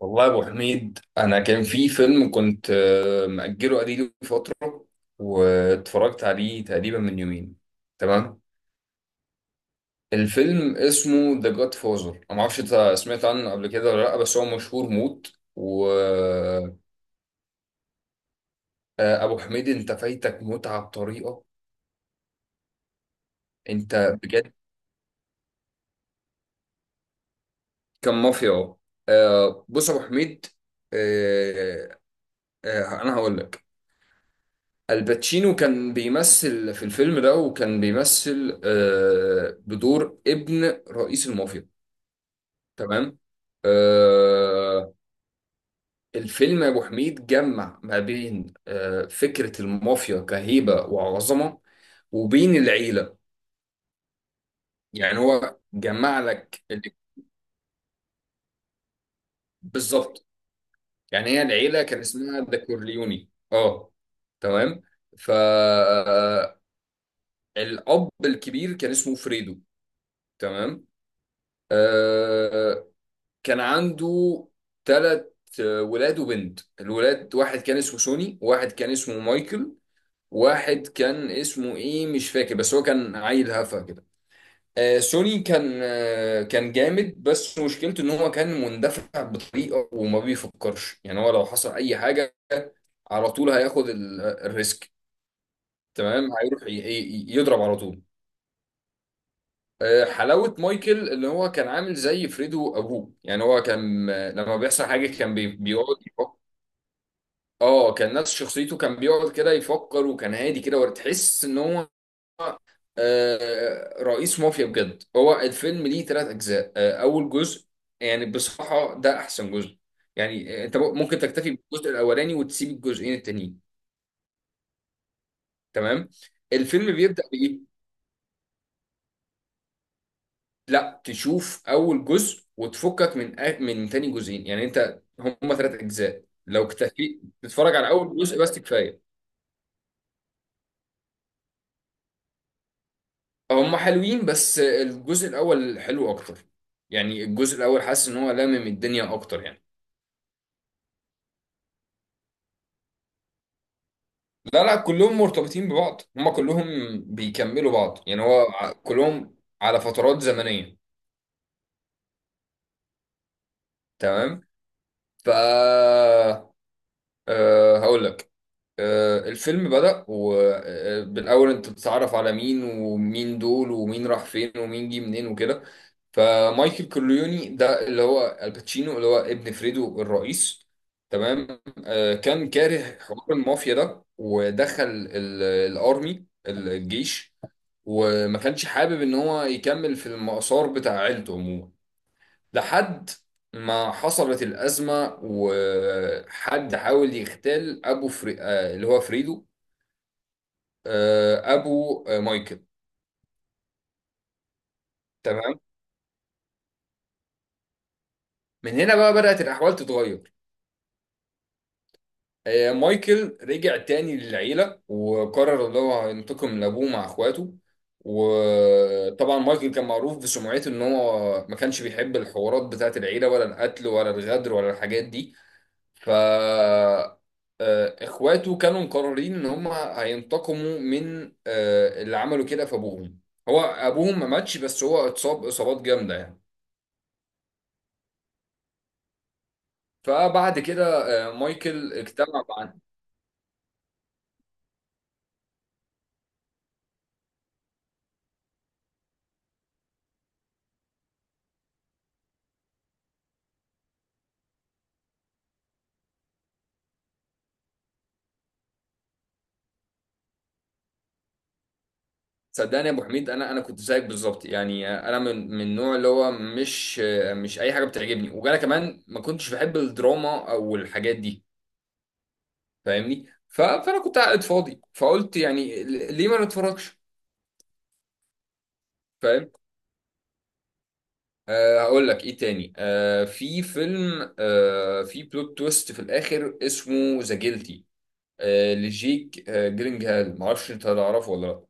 والله يا ابو حميد، انا كان في فيلم كنت مأجله قديم فتره. واتفرجت عليه تقريبا من يومين. تمام. الفيلم اسمه ذا جاد فازر. انا ما اعرفش انت سمعت عنه قبل كده ولا لا، بس هو مشهور موت. وابو حميد، انت فايتك متعه بطريقه. انت بجد؟ كان مافيا. بص يا ابو حميد. آه، انا هقول لك. الباتشينو كان بيمثل في الفيلم ده، وكان بيمثل بدور ابن رئيس المافيا. تمام. آه، الفيلم يا ابو حميد جمع ما بين فكرة المافيا كهيبة وعظمة، وبين العيلة. يعني هو جمع لك بالظبط. يعني هي العيلة كان اسمها ذا كورليوني. اه. تمام. فالأب الكبير كان اسمه فريدو. تمام. آه، كان عنده ثلاث ولاد وبنت. الولاد، واحد كان اسمه سوني، واحد كان اسمه مايكل، واحد كان اسمه ايه مش فاكر، بس هو كان عيل هفا كده. سوني كان كان جامد، بس مشكلته ان هو كان مندفع بطريقه وما بيفكرش. يعني هو لو حصل اي حاجه على طول هياخد الريسك. تمام. هيروح يضرب على طول. حلاوة. مايكل اللي هو كان عامل زي فريدو أبوه، يعني هو كان لما بيحصل حاجة كان بيقعد. اه كان نفس شخصيته، كان بيقعد كده يفكر، وكان هادي كده، وتحس ان هو رئيس مافيا بجد. هو الفيلم ليه ثلاث اجزاء. اول جزء يعني بصراحه ده احسن جزء. يعني انت ممكن تكتفي بالجزء الاولاني وتسيب الجزئين التانيين. تمام. الفيلم بيبدا بايه. لا، تشوف اول جزء وتفكك من من تاني جزئين. يعني انت هم ثلاث اجزاء، لو اكتفيت تتفرج على اول جزء بس كفايه. هم حلوين، بس الجزء الاول حلو اكتر. يعني الجزء الاول حاسس ان هو لامم الدنيا اكتر يعني. لا لا، كلهم مرتبطين ببعض، هم كلهم بيكملوا بعض. يعني هو كلهم على فترات زمنية. تمام. ف أه هقول لك. الفيلم بدأ، وبالأول أنت بتتعرف على مين ومين دول، ومين راح فين، ومين جه منين وكده. فمايكل كورليوني ده اللي هو الباتشينو، اللي هو ابن فريدو الرئيس. تمام. كان كاره حوار المافيا ده، ودخل الأرمي، الجيش. وما كانش حابب إن هو يكمل في المسار بتاع عيلته عموما، لحد ما حصلت الأزمة وحد حاول يغتال أبو فري... آه، اللي هو فريدو، أبو مايكل. تمام. من هنا بقى بدأت الأحوال تتغير. مايكل رجع تاني للعيلة، وقرر إن هو هينتقم لأبوه مع إخواته. وطبعا مايكل كان معروف بسمعته إن هو ما كانش بيحب الحوارات بتاعت العيلة، ولا القتل، ولا الغدر، ولا الحاجات دي. ف آه، اخواته كانوا مقررين ان هم هينتقموا من اللي عملوا كده في ابوهم. هو ابوهم ما ماتش، بس هو اتصاب اصابات جامده يعني. فبعد كده مايكل اجتمع مع. صدقني يا ابو حميد، انا كنت زيك بالظبط. يعني انا من النوع اللي هو مش اي حاجه بتعجبني، وانا كمان ما كنتش بحب الدراما او الحاجات دي. فاهمني. فانا كنت قاعد فاضي، فقلت يعني ليه ما نتفرجش. هقول لك ايه تاني. في فيلم في بلوت تويست في الاخر، اسمه ذا جيلتي. لجيك جرينجهال. معرفش انت هتعرفه ولا لا.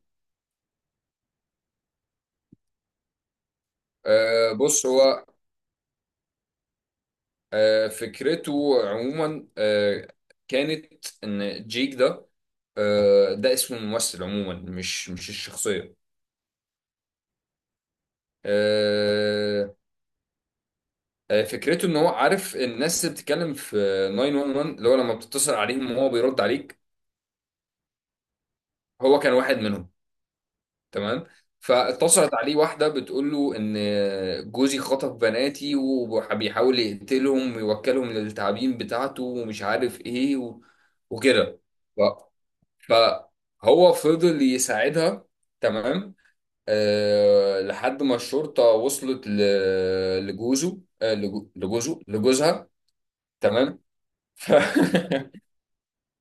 بص، هو فكرته عموما كانت ان جيك ده، ده اسم الممثل عموما، مش الشخصيه. أه فكرته ان هو عارف الناس اللي بتتكلم في 911، اللي هو لما بتتصل عليهم وهو بيرد عليك. هو كان واحد منهم. تمام. فاتصلت عليه واحدة بتقول له إن جوزي خطف بناتي، وبيحاول يقتلهم ويوكلهم للتعابين بتاعته، ومش عارف إيه وكده. ف... فهو فضل يساعدها. تمام. لحد ما الشرطة وصلت ل... لجوزه أه... لجو... لجوزه لجوزها. تمام. ف...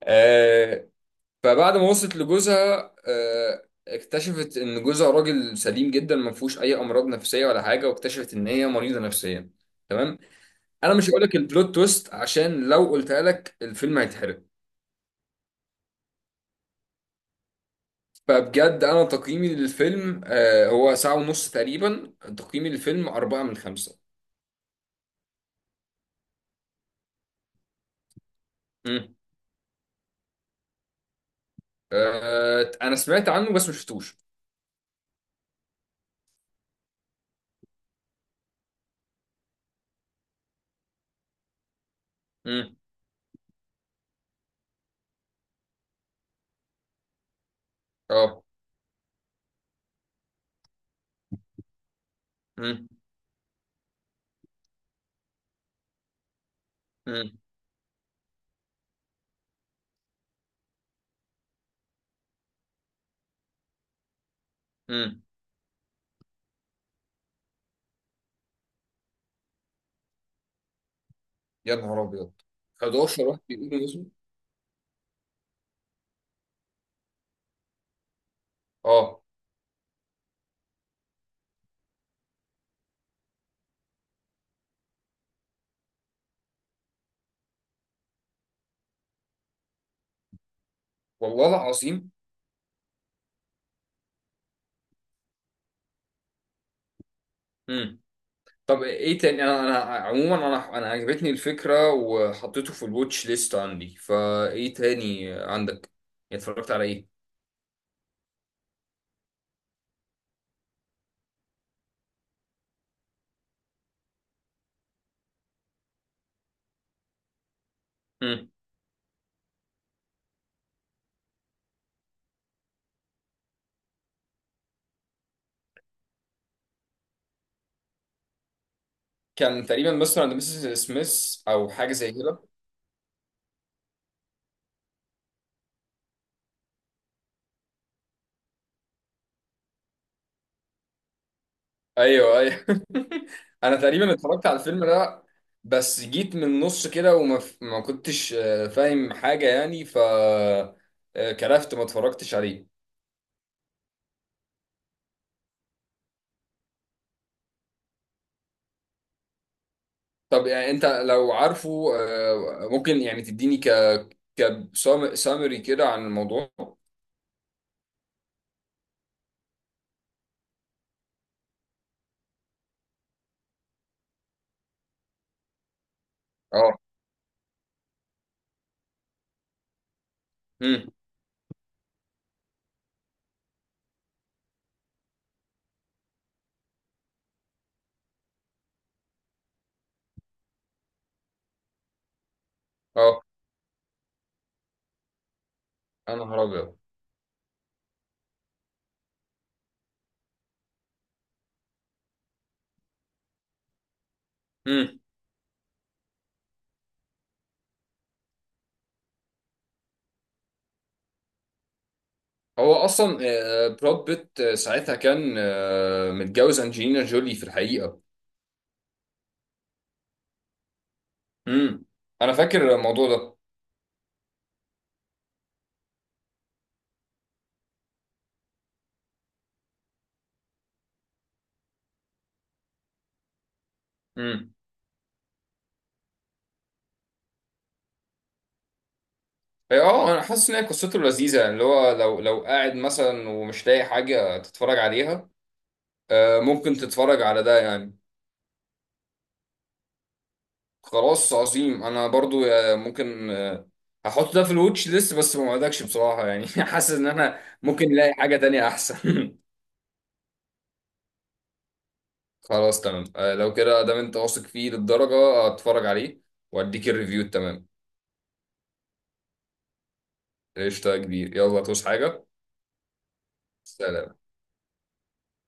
فبعد ما وصلت لجوزها، اكتشفت ان جوزها راجل سليم جدا، ما فيهوش اي امراض نفسيه ولا حاجه، واكتشفت ان هي مريضه نفسيا. تمام. انا مش هقول لك البلوت تويست، عشان لو قلتها لك الفيلم هيتحرق. فبجد انا تقييمي للفيلم هو ساعه ونص تقريبا. تقييمي للفيلم أربعة من خمسة. مم. انا سمعت عنه بس ما شفتوش. مم. اه. مم. مم. مم. يا نهار ابيض! 11 واحد بيقولوا اسمه. اه. والله العظيم. مم. طب ايه تاني؟ انا عموما انا عجبتني الفكره، وحطيته في الواتش ليست عندي. فايه تاني عندك؟ اتفرجت على ايه؟ مم. كان تقريبا مستر اند مسز سميث، او حاجه زي كده. ايوه، ايوه. انا تقريبا اتفرجت على الفيلم ده، بس جيت من النص كده ما كنتش فاهم حاجه يعني. ف آه، كرفت ما اتفرجتش عليه. طب يعني انت لو عارفه ممكن يعني تديني كسامري كده عن الموضوع. اه. امم. اه. يا نهار ابيض! امم. هو اصلا براد بيت ساعتها كان متجوز انجلينا جولي في الحقيقه. امم. انا فاكر الموضوع ده. امم. اه. انا حاسس ان هي قصته لذيذه يعني، اللي هو لو قاعد مثلا ومش لاقي حاجه تتفرج عليها، ممكن تتفرج على ده يعني. خلاص، عظيم. انا برضو ممكن هحط ده في الواتش ليست، بس ما وعدكش بصراحه يعني. حاسس ان انا ممكن الاقي حاجه تانية احسن. خلاص، تمام. لو كده دام انت واثق فيه للدرجة هتفرج عليه واديك الريفيو التمام. قشطة يا كبير. يلا توس حاجة. سلام.